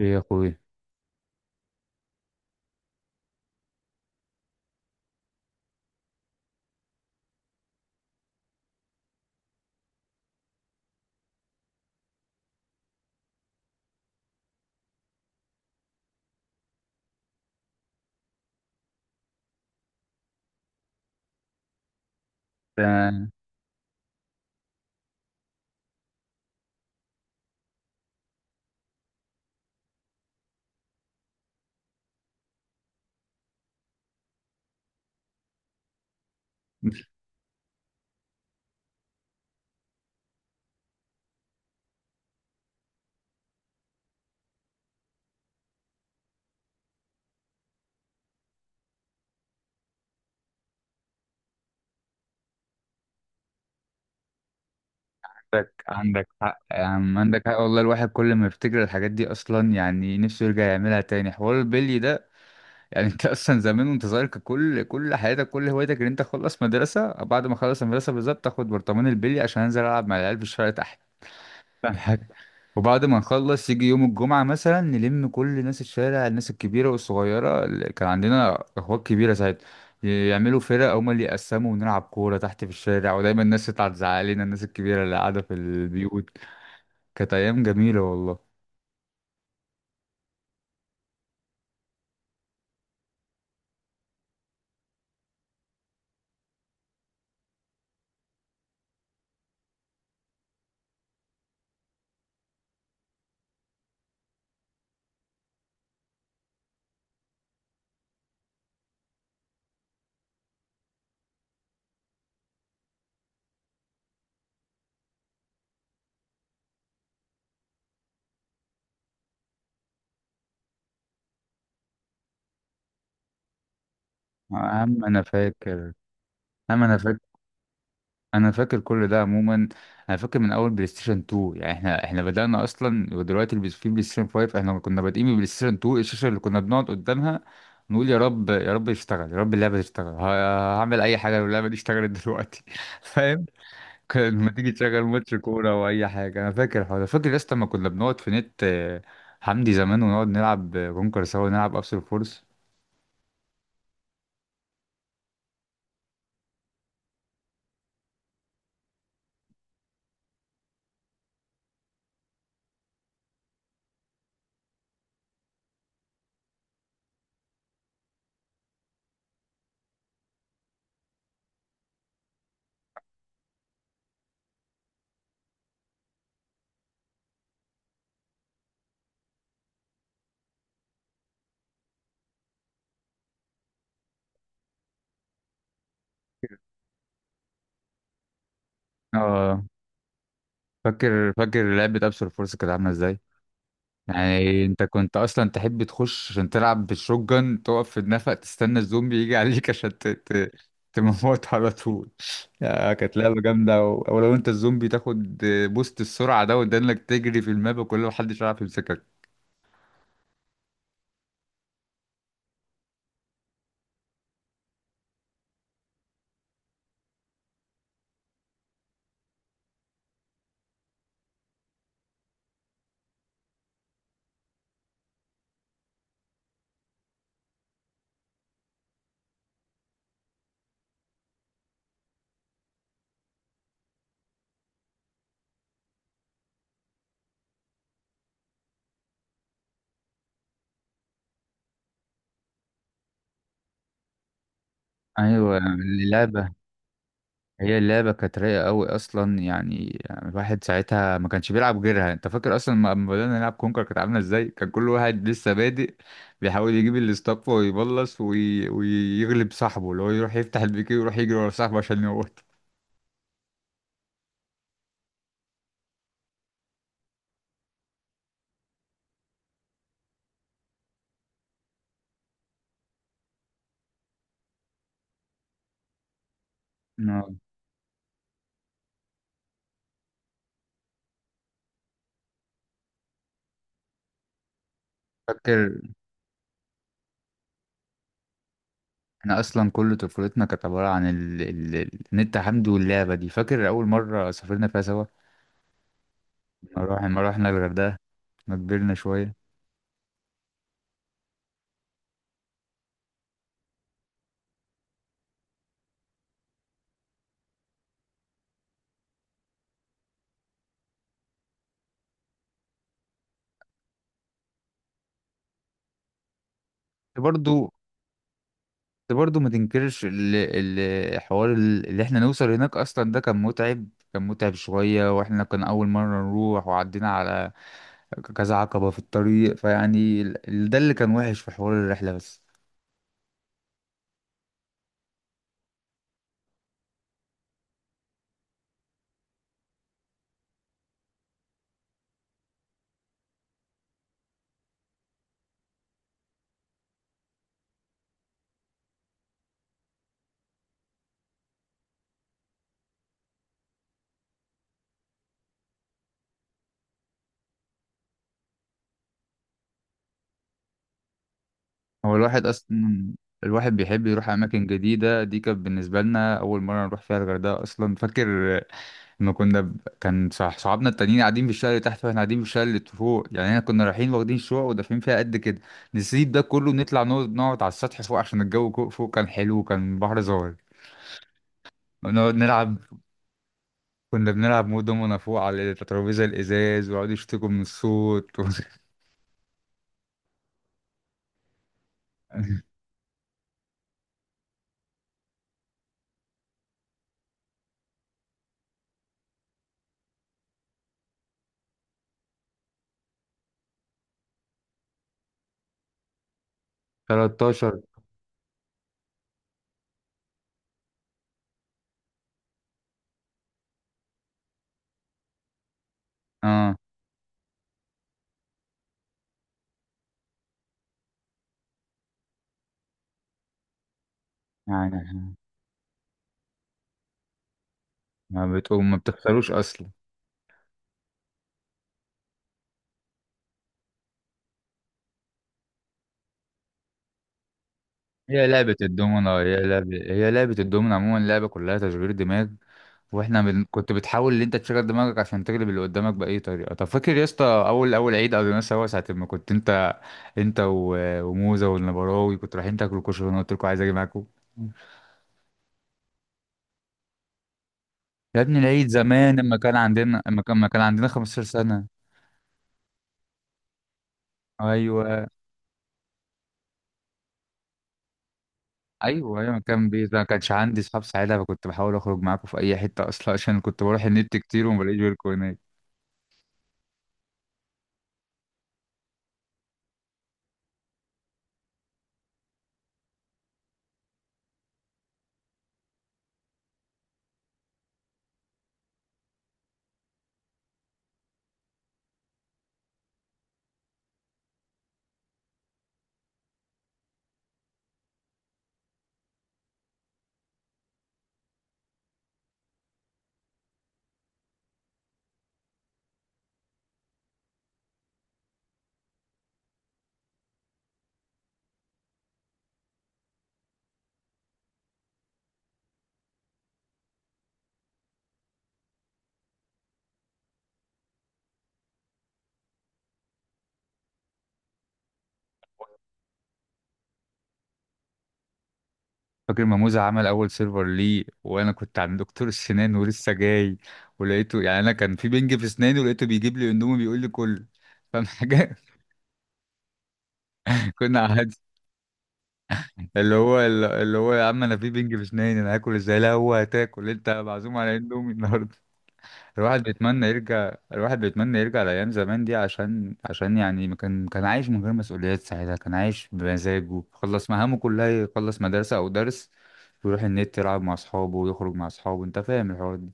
ايه يا اخوي. ده. مش. عندك حق يا عم، عندك حق والله، الواحد كل ما يفتكر الحاجات دي اصلا يعني نفسه يرجع يعملها تاني، حوار البلي ده. يعني انت اصلا زمان وانت صغير كان كل حياتك كل هوايتك ان انت تخلص مدرسه، بعد ما خلص المدرسه بالظبط تاخد برطمان البلي عشان انزل العب مع العيال في الشارع تحت. فاهم حاجه؟ وبعد ما نخلص يجي يوم الجمعة مثلا نلم كل ناس الشارع، الناس الكبيرة والصغيرة اللي كان عندنا أخوات كبيرة ساعتها يعملوا فرق، هما اللي يقسموا ونلعب كورة تحت في الشارع، ودايما الناس تطلع تزعق لنا، الناس الكبيرة اللي قاعدة في البيوت. كانت أيام جميلة والله. أهم أنا فاكر أهم أنا فاكر انا فاكر كل ده عموما. انا فاكر من اول بلاي ستيشن 2 يعني احنا بدأنا اصلا، ودلوقتي في بلاي ستيشن 5، احنا كنا بادئين ببلاي ستيشن 2. الشاشة اللي كنا بنقعد قدامها نقول يا رب يا رب يشتغل، يا رب اللعبة تشتغل. هعمل اي حاجة لو اللعبة دي اشتغلت دلوقتي. فاهم؟ كان لما تيجي تشغل ماتش كورة او اي حاجة، انا فاكر الحوار ده، فاكر يا اسطى لما كنا بنقعد في نت آه، حمدي زمان، ونقعد نلعب كونكر سوا ونلعب ابسول فورس. اه، فاكر لعبة ابسول فورس كانت عاملة ازاي. يعني انت كنت اصلا تحب تخش عشان تلعب بالشوتجن، تقف في النفق تستنى الزومبي يجي عليك عشان تموت على طول. آه، كانت لعبة جامدة ولو انت الزومبي تاخد بوست السرعة ده، وده انك تجري في الماب وكل ما حدش يعرف يمسكك. ايوه، اللعبة هي اللعبة كانت رايقة قوي أصلا، يعني الواحد ساعتها ما كانش بيلعب غيرها. أنت فاكر أصلا لما بدأنا نلعب كونكر كانت عاملة إزاي؟ كان كل واحد لسه بادئ بيحاول يجيب الاستاف ويبلص ويغلب صاحبه، اللي هو يروح يفتح البيكي ويروح يجري ورا صاحبه عشان يموت. آه. فاكر. احنا اصلا كل طفولتنا كانت عباره عن النت حمد واللعبه دي. فاكر اول مره سافرنا فيها سوا، لما رحنا الغردقه. ما كبرنا شويه. برضو. بس برضه ما تنكرش الحوار اللي احنا نوصل هناك اصلا، ده كان متعب، كان متعب شوية، واحنا كان اول مرة نروح وعدينا على كذا عقبة في الطريق، فيعني ده اللي كان وحش في حوار الرحلة بس. هو الواحد اصلا، الواحد بيحب يروح اماكن جديدة، دي كانت بالنسبة لنا اول مرة نروح فيها الغردقة اصلا. فاكر ما كنا كان صح، صحابنا التانيين قاعدين في الشارع اللي تحت واحنا قاعدين في الشارع اللي فوق، يعني احنا كنا رايحين واخدين شقق ودافعين فيها قد كده نسيب ده كله ونطلع نقعد على السطح فوق عشان الجو فوق كان حلو وكان البحر ظاهر. نقعد نلعب، كنا بنلعب مود دومنا فوق على الترابيزة الإزاز، ويقعدوا يشتكوا من الصوت 13. اه. يعني ما بتقوم، ما بتخسروش أصلا. هي لعبة الدومنة عموما لعبة كلها تشغيل دماغ. واحنا كنت بتحاول ان انت تشغل دماغك عشان تغلب اللي قدامك باي طريقه. طب فاكر يا اسطى اول عيد قضيناه سوا، ساعه ما كنت انت، انت وموزه والنبراوي كنت رايحين تاكلوا كشري وانا قلت لكم عايز اجي معاكم. يا ابني العيد زمان، لما كان عندنا 15 سنه. ايوه، ايوه، ايوه، كان بيت، ما كانش عندي اصحاب ساعتها، فكنت بحاول اخرج معاكم في اي حته اصلا، عشان كنت بروح النت كتير وما بلاقيش غيركم هناك. فاكر ما موزة عمل أول سيرفر ليه؟ وأنا كنت عند دكتور السنان ولسه جاي، ولقيته يعني أنا كان في بنج في أسناني، ولقيته بيجيب لي أندومي بيقول لي كل. فاهم حاجة؟ كنا قاعدين، اللي هو يا عم، أنا في بنج في أسناني أنا هاكل إزاي؟ لا، هو هتاكل أنت، معزوم على أندومي النهاردة. الواحد بيتمنى يرجع، الواحد بيتمنى يرجع لأيام زمان دي، عشان يعني ما كان، كان عايش من غير مسؤوليات ساعتها، كان عايش بمزاجه، خلص مهامه كلها، يخلص مدرسة أو درس ويروح النت يلعب مع أصحابه ويخرج مع أصحابه. أنت فاهم الحوار ده؟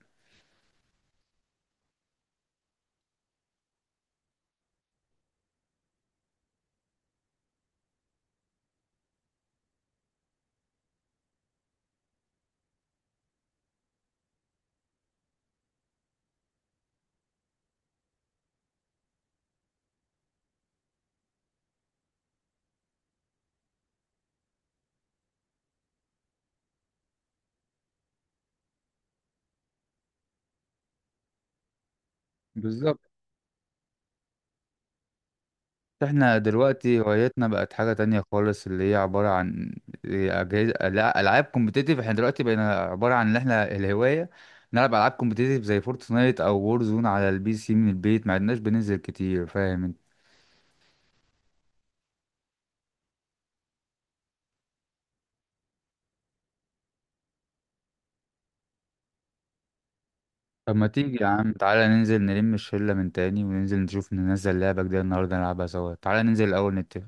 بالظبط. احنا دلوقتي هوايتنا بقت حاجة تانية خالص، اللي هي عبارة عن أجهزة، لا، ألعاب كومبتيتيف. احنا دلوقتي بقينا عبارة عن إن احنا الهواية نلعب ألعاب كومبتيتيف زي فورتنايت أو وور زون على البي سي من البيت، ما عدناش بننزل كتير. فاهم انت؟ طب ما تيجي يا عم تعالى ننزل نلم الشلة من تاني وننزل نشوف، ننزل لعبة جديدة النهاردة نلعبها سوا. تعالى ننزل الأول نتفق.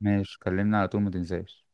ماشي، كلمنا على طول، ما تنساش.